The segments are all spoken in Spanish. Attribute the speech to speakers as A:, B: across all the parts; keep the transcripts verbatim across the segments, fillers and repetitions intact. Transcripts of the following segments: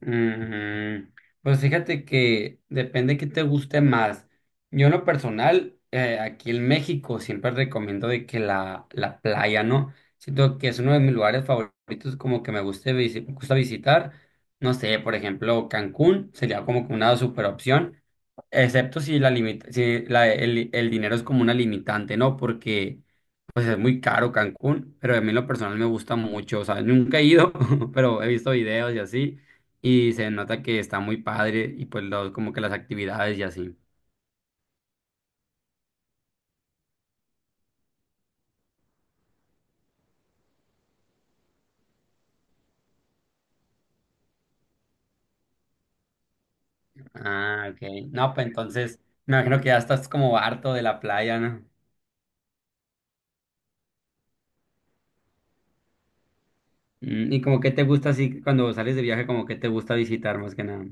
A: Mm, pues fíjate que depende qué te guste más. Yo en lo personal, eh, aquí en México siempre recomiendo de que la, la playa, ¿no? Siento que es uno de mis lugares favoritos, como que me guste visi- me gusta visitar. No sé, por ejemplo, Cancún sería como que una super opción, excepto si la limita, si la, el, el dinero es como una limitante, ¿no? Porque pues es muy caro Cancún, pero a mí en lo personal me gusta mucho, o sea, nunca he ido, pero he visto videos y así, y se nota que está muy padre y pues los, como que las actividades y así. Ah, ok. No, pues entonces me imagino que ya estás como harto de la playa, ¿no? Mm, y como que te gusta así cuando sales de viaje, como que te gusta visitar más que nada.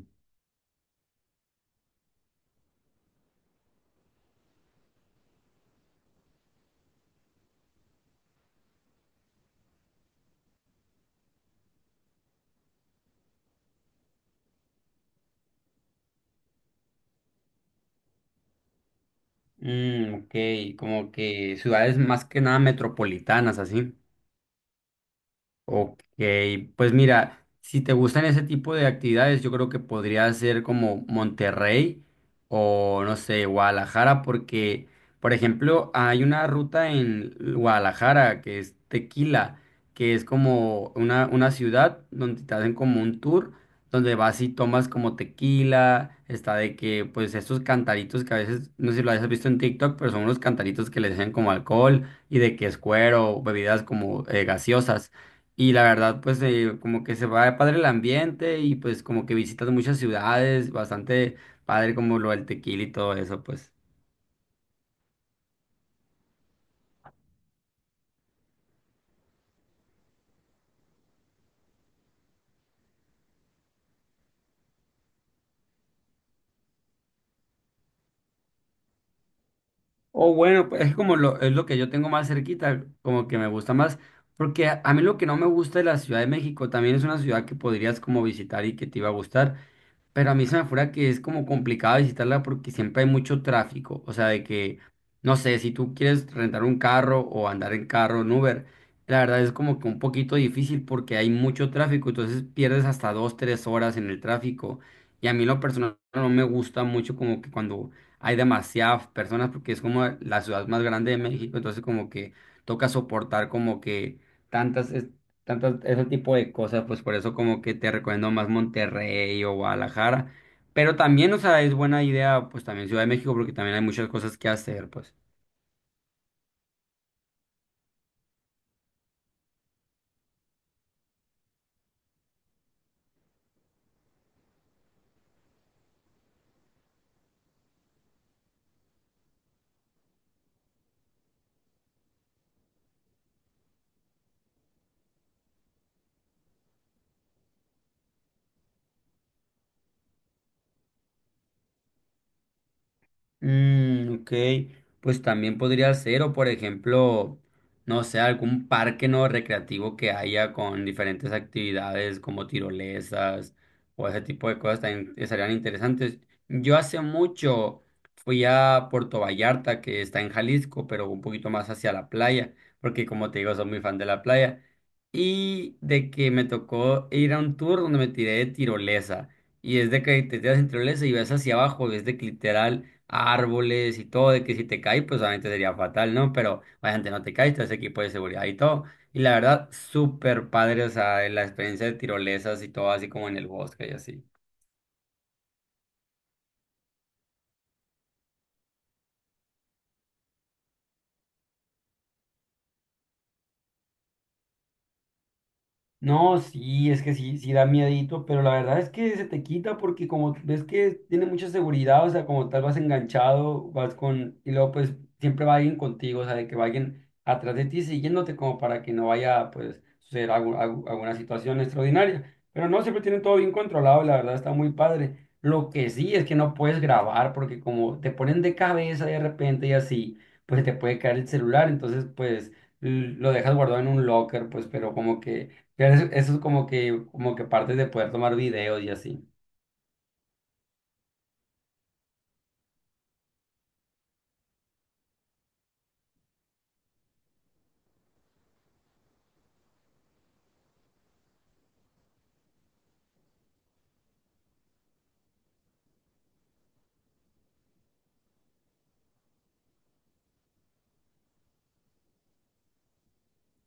A: Mm, ok, como que ciudades más que nada metropolitanas, así. Ok, pues mira, si te gustan ese tipo de actividades, yo creo que podría ser como Monterrey o no sé, Guadalajara, porque, por ejemplo, hay una ruta en Guadalajara que es Tequila, que es como una, una ciudad donde te hacen como un tour, donde vas y tomas como tequila, está de que, pues, estos cantaritos que a veces, no sé si lo hayas visto en TikTok, pero son unos cantaritos que les echan como alcohol y de que es cuero, bebidas como eh, gaseosas. Y la verdad, pues eh, como que se va de padre el ambiente y pues como que visitas muchas ciudades, bastante padre como lo del tequila y todo eso, pues. O bueno, pues es como lo, es lo que yo tengo más cerquita, como que me gusta más, porque a, a mí lo que no me gusta de la Ciudad de México también es una ciudad que podrías como visitar y que te iba a gustar. Pero a mí se me fuera que es como complicado visitarla porque siempre hay mucho tráfico. O sea, de que, no sé, si tú quieres rentar un carro o andar en carro en Uber, la verdad es como que un poquito difícil porque hay mucho tráfico. Entonces pierdes hasta dos, tres horas en el tráfico. Y a mí lo personal no me gusta mucho como que cuando hay demasiadas personas porque es como la ciudad más grande de México. Entonces como que toca soportar como que tantas tantas, ese tipo de cosas, pues por eso como que te recomiendo más Monterrey o Guadalajara. Pero también, o sea, es buena idea, pues también Ciudad de México, porque también hay muchas cosas que hacer, pues. Mm, ok, pues también podría ser, o por ejemplo, no sé, algún parque no recreativo que haya con diferentes actividades como tirolesas o ese tipo de cosas también estarían interesantes. Yo hace mucho fui a Puerto Vallarta, que está en Jalisco, pero un poquito más hacia la playa, porque como te digo, soy muy fan de la playa, y de que me tocó ir a un tour donde me tiré de tirolesa, y es de que te tiras en tirolesa y ves hacia abajo, ves de que literal a árboles y todo, de que si te caes, pues obviamente sería fatal, ¿no? Pero obviamente no te caes, te hace equipo de seguridad y todo. Y la verdad, súper padre, o sea, la experiencia de tirolesas y todo, así como en el bosque y así. No, sí, es que sí, sí da miedito, pero la verdad es que se te quita porque como ves que tiene mucha seguridad, o sea, como tal vas enganchado, vas con, y luego pues siempre va alguien contigo, o sea, de que va alguien atrás de ti siguiéndote como para que no vaya pues suceder algu- algu- alguna situación extraordinaria. Pero no, siempre tienen todo bien controlado y la verdad está muy padre. Lo que sí es que no puedes grabar porque como te ponen de cabeza de repente y así, pues te puede caer el celular, entonces pues l- lo dejas guardado en un locker, pues, pero como que que Eso eso es como que, como que parte de poder tomar videos y así.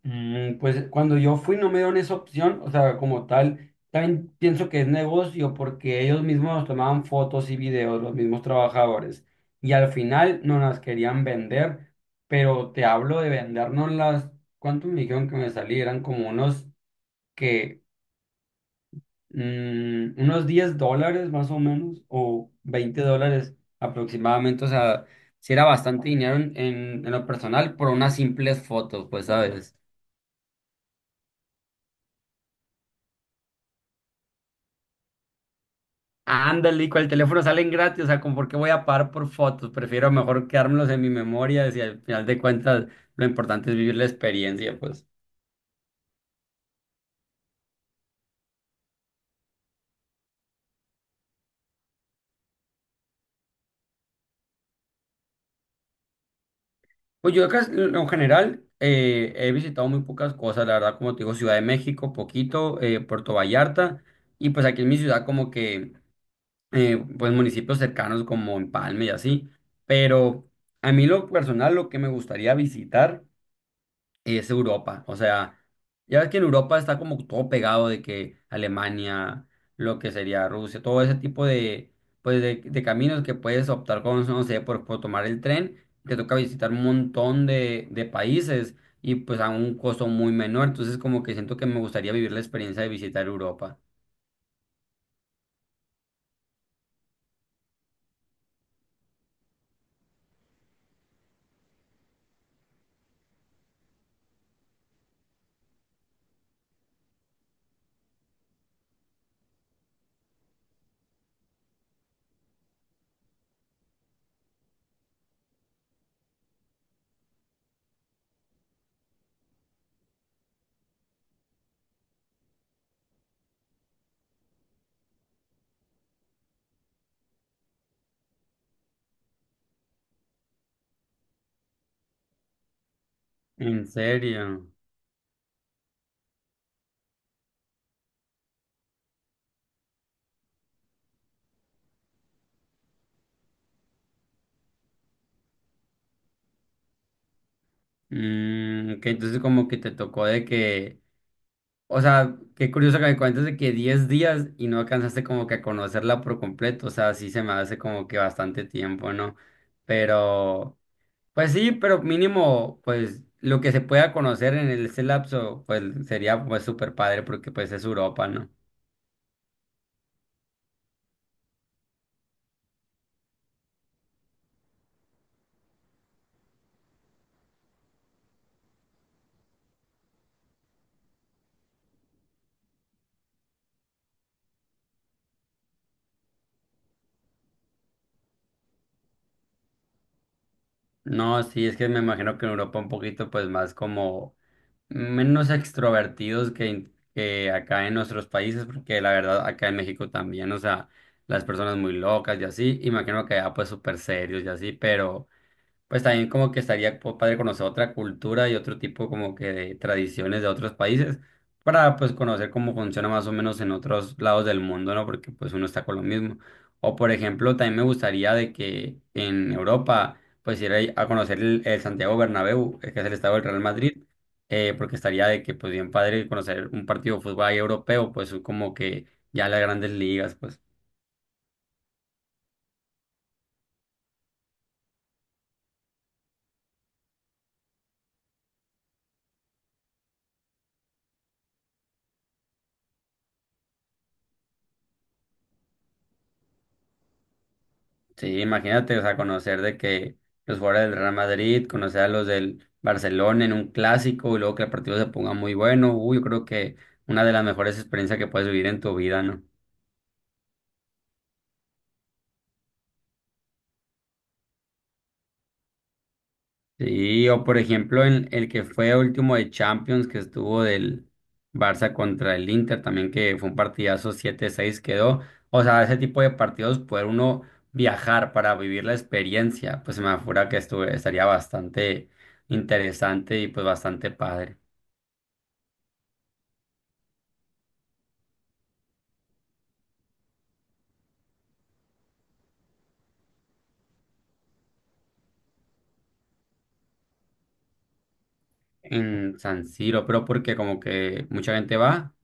A: Mm, pues cuando yo fui no me dieron esa opción, o sea, como tal, también pienso que es negocio porque ellos mismos nos tomaban fotos y videos, los mismos trabajadores, y al final no las querían vender, pero te hablo de vendernos las, ¿cuánto me dijeron que me salieran? Como unos que mm, unos diez dólares más o menos, o veinte dólares aproximadamente, o sea, si era bastante dinero en, en, en lo personal por unas simples fotos, pues, ¿sabes? Ándale, y con el teléfono salen gratis, o sea, ¿con por qué voy a pagar por fotos? Prefiero mejor quedármelos en mi memoria, si al final de cuentas lo importante es vivir la experiencia, pues. Pues yo acá, en lo general, eh, he visitado muy pocas cosas, la verdad, como te digo, Ciudad de México, poquito, eh, Puerto Vallarta, y pues aquí en mi ciudad como que eh, pues municipios cercanos como Empalme y así, pero a mí lo personal lo que me gustaría visitar es Europa, o sea, ya ves que en Europa está como todo pegado de que Alemania, lo que sería Rusia, todo ese tipo de, pues de, de caminos que puedes optar con, no sé, por, por tomar el tren, te toca visitar un montón de, de países y pues a un costo muy menor, entonces como que siento que me gustaría vivir la experiencia de visitar Europa. ¿En serio? Mm, ok, entonces como que te tocó de que, o sea, qué curioso que me cuentes de que diez días y no alcanzaste como que a conocerla por completo, o sea, sí se me hace como que bastante tiempo, ¿no? Pero, pues sí, pero mínimo, pues lo que se pueda conocer en ese lapso, pues sería pues súper padre porque pues es Europa, ¿no? No, sí, es que me imagino que en Europa un poquito pues más como menos extrovertidos que, in- que acá en nuestros países, porque la verdad acá en México también, o sea, las personas muy locas y así, y me imagino que allá pues súper serios y así, pero... Pues también como que estaría po- padre conocer otra cultura y otro tipo como que de tradiciones de otros países para pues conocer cómo funciona más o menos en otros lados del mundo, ¿no? Porque pues uno está con lo mismo. O por ejemplo, también me gustaría de que en Europa pues ir ahí a conocer el, el Santiago Bernabéu, eh, que es el estado del Real Madrid, eh, porque estaría de que pues bien padre conocer un partido de fútbol ahí europeo, pues como que ya las grandes ligas, pues. Sí, imagínate, o sea, conocer de que los jugadores del Real Madrid, conocer a los del Barcelona en un clásico y luego que el partido se ponga muy bueno, uy, yo creo que una de las mejores experiencias que puedes vivir en tu vida, ¿no? Sí, o por ejemplo, en el que fue último de Champions, que estuvo del Barça contra el Inter, también que fue un partidazo siete seis quedó. O sea, ese tipo de partidos, poder uno viajar para vivir la experiencia, pues se me afura que estuve, estaría bastante interesante y pues bastante padre. En San Siro, pero porque como que mucha gente va,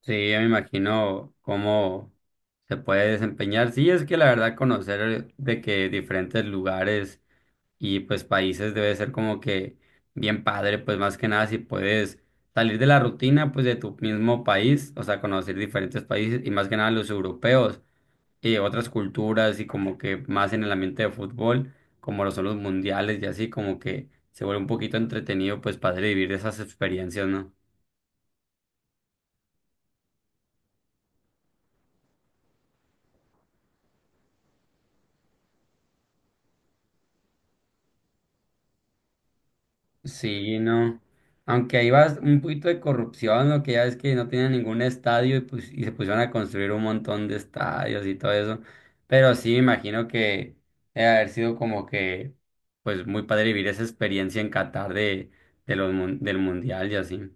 A: sí, ya me imagino cómo se puede desempeñar. Sí, es que la verdad conocer de que diferentes lugares y pues países debe ser como que bien padre, pues más que nada si puedes salir de la rutina pues de tu mismo país, o sea, conocer diferentes países y más que nada los europeos. Y otras culturas y como que más en el ambiente de fútbol, como lo son los mundiales y así, como que se vuelve un poquito entretenido pues para vivir esas experiencias, ¿no? Sí, no. Aunque ahí va un poquito de corrupción, lo que ya es que no tenían ningún estadio y, pues, y se pusieron a construir un montón de estadios y todo eso. Pero sí, me imagino que debe haber sido como que, pues muy padre vivir esa experiencia en Qatar de, de los, mun- del mundial y así.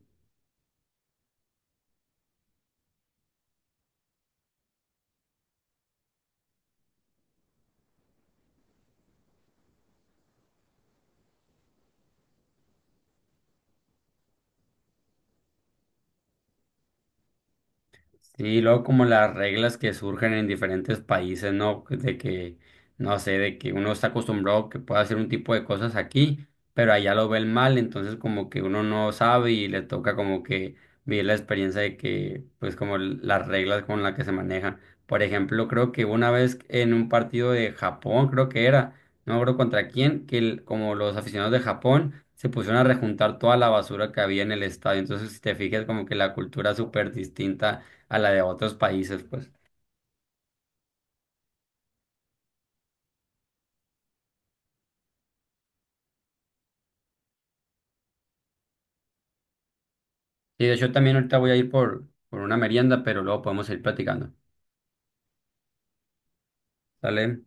A: Sí, luego como las reglas que surgen en diferentes países, ¿no? De que, no sé, de que uno está acostumbrado que pueda hacer un tipo de cosas aquí, pero allá lo ven mal, entonces como que uno no sabe y le toca como que vivir la experiencia de que, pues como l- las reglas con las que se manejan. Por ejemplo, creo que una vez en un partido de Japón, creo que era, no me acuerdo contra quién, que el- como los aficionados de Japón se pusieron a rejuntar toda la basura que había en el estadio. Entonces, si te fijas, como que la cultura es súper distinta a la de otros países, pues. Y de hecho también ahorita voy a ir por, por una merienda, pero luego podemos ir platicando. ¿Sale?